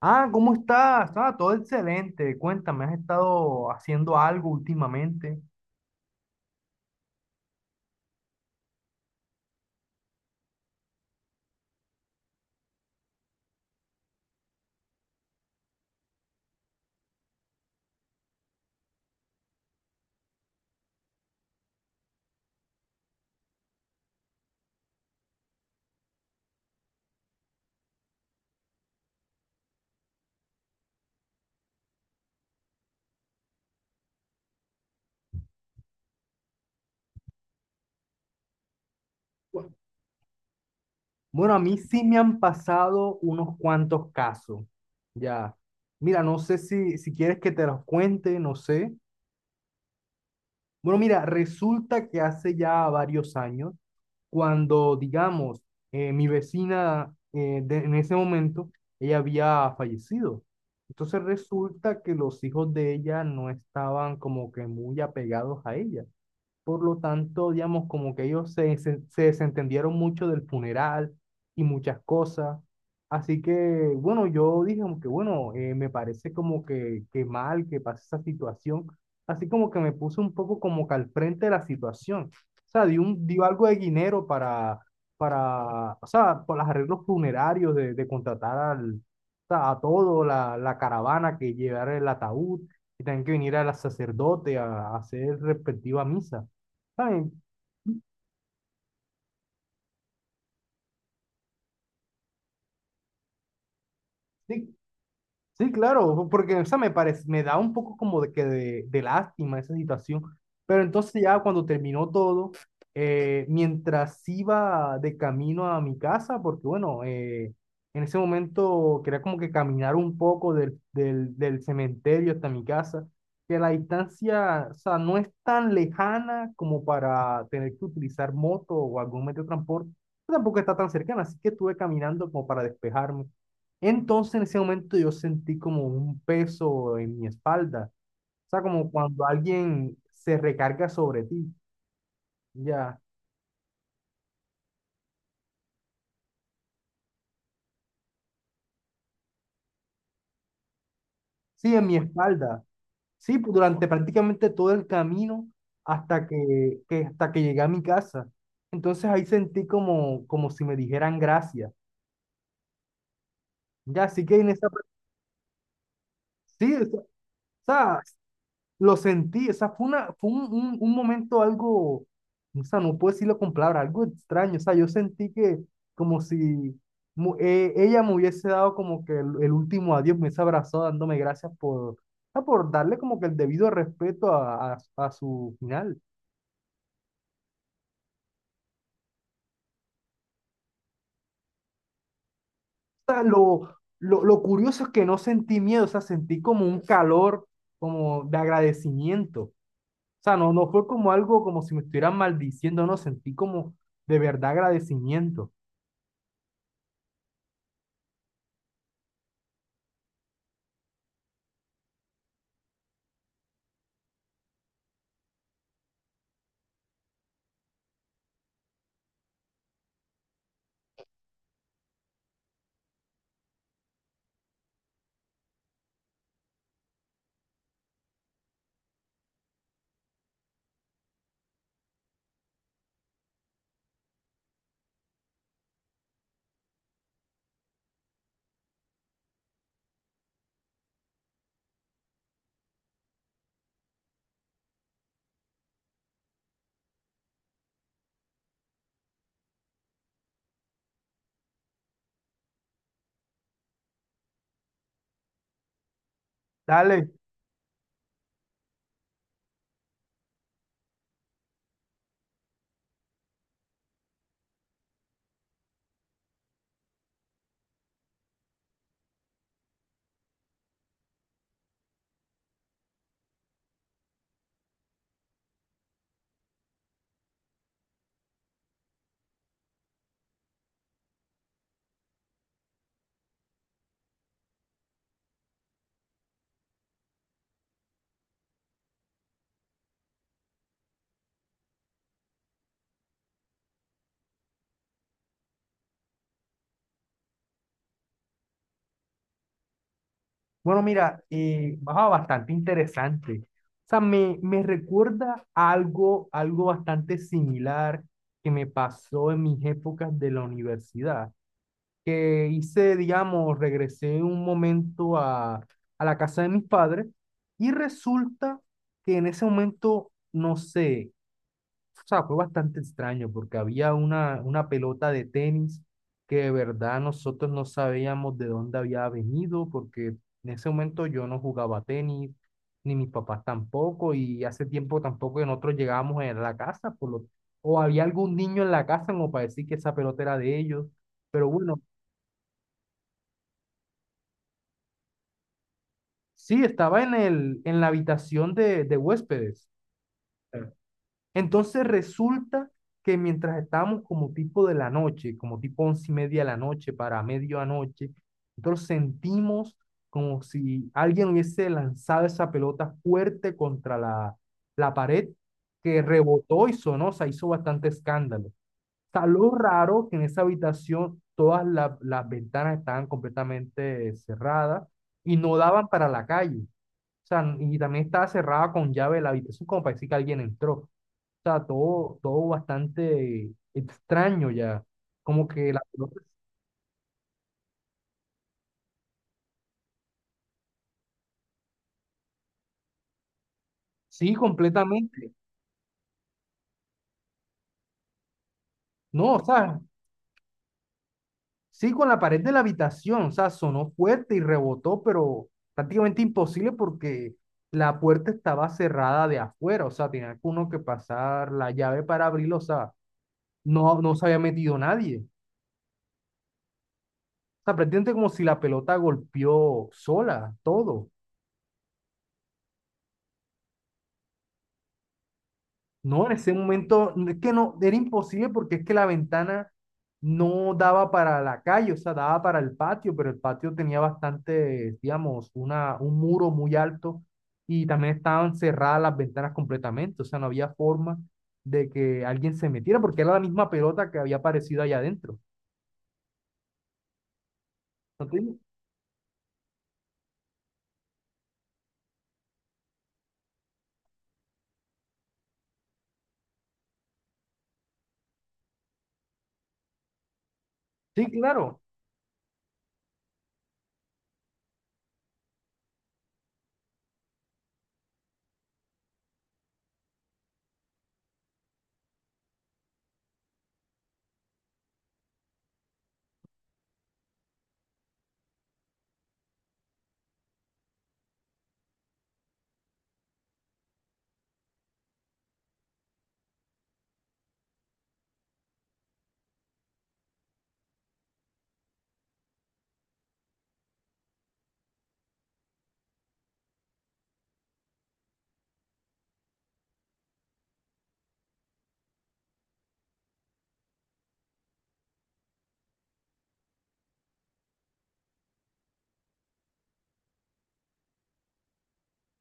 Ah, ¿cómo estás? Ah, todo excelente. Cuéntame, ¿has estado haciendo algo últimamente? Bueno, a mí sí me han pasado unos cuantos casos. Ya. Mira, no sé si quieres que te los cuente, no sé. Bueno, mira, resulta que hace ya varios años, cuando, digamos, mi vecina en ese momento, ella había fallecido. Entonces resulta que los hijos de ella no estaban como que muy apegados a ella. Por lo tanto, digamos, como que ellos se desentendieron mucho del funeral y muchas cosas. Así que, bueno, yo dije como que, bueno, me parece como que mal que pase esa situación. Así como que me puse un poco como que al frente de la situación. O sea, dio algo de dinero para, o sea, por los arreglos funerarios de contratar al, o sea, a todo, la caravana que llevara el ataúd y también que viniera el sacerdote a hacer respectiva misa. ¿Saben? Sí, sí, claro, porque o sea, me parece, me da un poco como de de lástima esa situación, pero entonces ya cuando terminó todo, mientras iba de camino a mi casa, porque bueno, en ese momento quería como que caminar un poco del cementerio hasta mi casa, que la distancia, o sea, no es tan lejana como para tener que utilizar moto o algún medio de transporte, tampoco está tan cercana, así que estuve caminando como para despejarme. Entonces en ese momento yo sentí como un peso en mi espalda, o sea, como cuando alguien se recarga sobre ti, ya, sí, en mi espalda, sí, pues, durante prácticamente todo el camino hasta hasta que llegué a mi casa. Entonces ahí sentí como, como si me dijeran gracias, ya, así que en esa, sí, o sea, lo sentí, o sea, fue un momento algo, o sea, no puedo decirlo con palabras, algo extraño, o sea, yo sentí que como si ella me hubiese dado como que el último adiós, me hubiese abrazado dándome gracias por, ah, por darle como que el debido respeto a su final. O sea, lo curioso es que no sentí miedo, o sea, sentí como un calor, como de agradecimiento. O sea, no, no fue como algo como si me estuvieran maldiciendo, no, sentí como de verdad agradecimiento. Dale. Bueno, mira, bastante interesante. O sea, me recuerda a algo, algo bastante similar que me pasó en mis épocas de la universidad, que hice, digamos, regresé un momento a la casa de mis padres y resulta que en ese momento, no sé, o sea, fue bastante extraño porque había una pelota de tenis que de verdad nosotros no sabíamos de dónde había venido porque en ese momento yo no jugaba tenis, ni mis papás tampoco, y hace tiempo tampoco que nosotros llegábamos a la casa, por lo, o había algún niño en la casa como para decir que esa pelota era de ellos, pero bueno, sí, estaba en el, en la habitación de huéspedes. Entonces resulta que mientras estábamos como tipo de la noche, como tipo once y media de la noche para medianoche, nosotros sentimos como si alguien hubiese lanzado esa pelota fuerte contra la, la pared que rebotó y sonó, o sea, hizo bastante escándalo. O sea, lo raro que en esa habitación las ventanas estaban completamente cerradas y no daban para la calle. O sea, y también estaba cerrada con llave la habitación como para decir que alguien entró sea, todo, todo bastante extraño ya. Como que la pelota, sí, completamente. No, o sea, sí, con la pared de la habitación, o sea, sonó fuerte y rebotó, pero prácticamente imposible porque la puerta estaba cerrada de afuera, o sea, tenía que uno que pasar la llave para abrirlo o sea, no, no se había metido nadie. O sea, prácticamente como si la pelota golpeó sola, todo. No, en ese momento no, es que no, era imposible porque es que la ventana no daba para la calle, o sea, daba para el patio, pero el patio tenía bastante, digamos, una, un muro muy alto y también estaban cerradas las ventanas completamente, o sea, no había forma de que alguien se metiera porque era la misma pelota que había aparecido allá adentro. ¿No te digo? Sí, claro,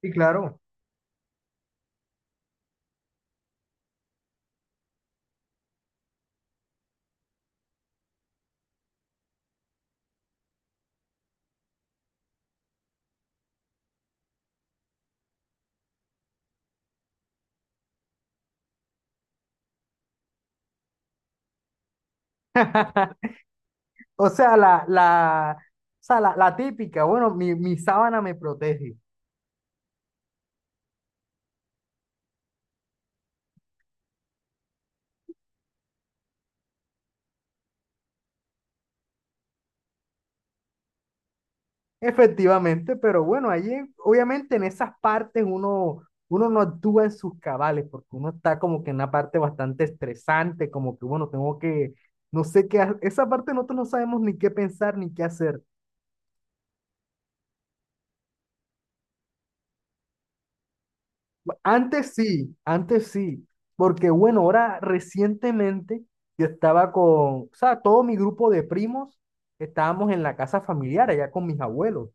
sí, claro. O sea, o sea, la típica, bueno, mi sábana me protege. Efectivamente, pero bueno, allí obviamente en esas partes uno, uno no actúa en sus cabales, porque uno está como que en una parte bastante estresante, como que bueno, tengo que, no sé qué, ha- esa parte nosotros no sabemos ni qué pensar ni qué hacer. Antes sí, porque bueno, ahora recientemente yo estaba con, o sea, todo mi grupo de primos estábamos en la casa familiar allá con mis abuelos.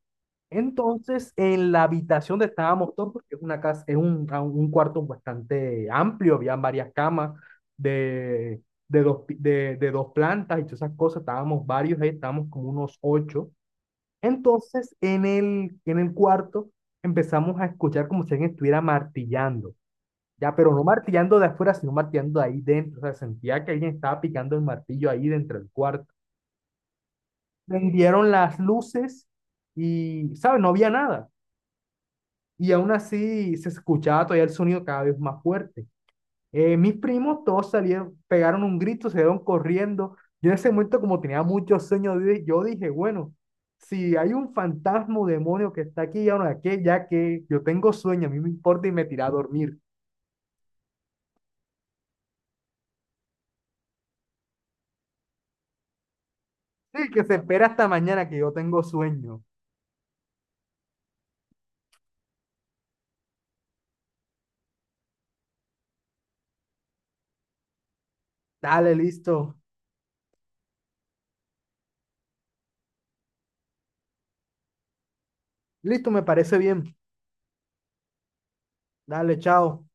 Entonces, en la habitación donde estábamos todos, porque es una casa, es un, a- un cuarto bastante amplio, había varias camas de, de, de dos plantas y todas esas cosas, estábamos varios ahí, estábamos como unos ocho. Entonces, en el cuarto empezamos a escuchar como si alguien estuviera martillando. Ya, pero no martillando de afuera, sino martillando de ahí dentro. O sea, sentía que alguien estaba picando el martillo ahí dentro del cuarto. Prendieron las luces y, ¿sabes? No había nada. Y aún así se escuchaba todavía el sonido cada vez más fuerte. Mis primos todos salieron, pegaron un grito, se dieron corriendo. Yo en ese momento, como tenía muchos sueños, di- yo dije, bueno, si hay un fantasma o demonio que está aquí, ya no, que, ya que yo tengo sueño, a mí me importa y me tiré a dormir. Sí, que se espera hasta mañana que yo tengo sueño. Dale, listo. Listo, me parece bien. Dale, chao.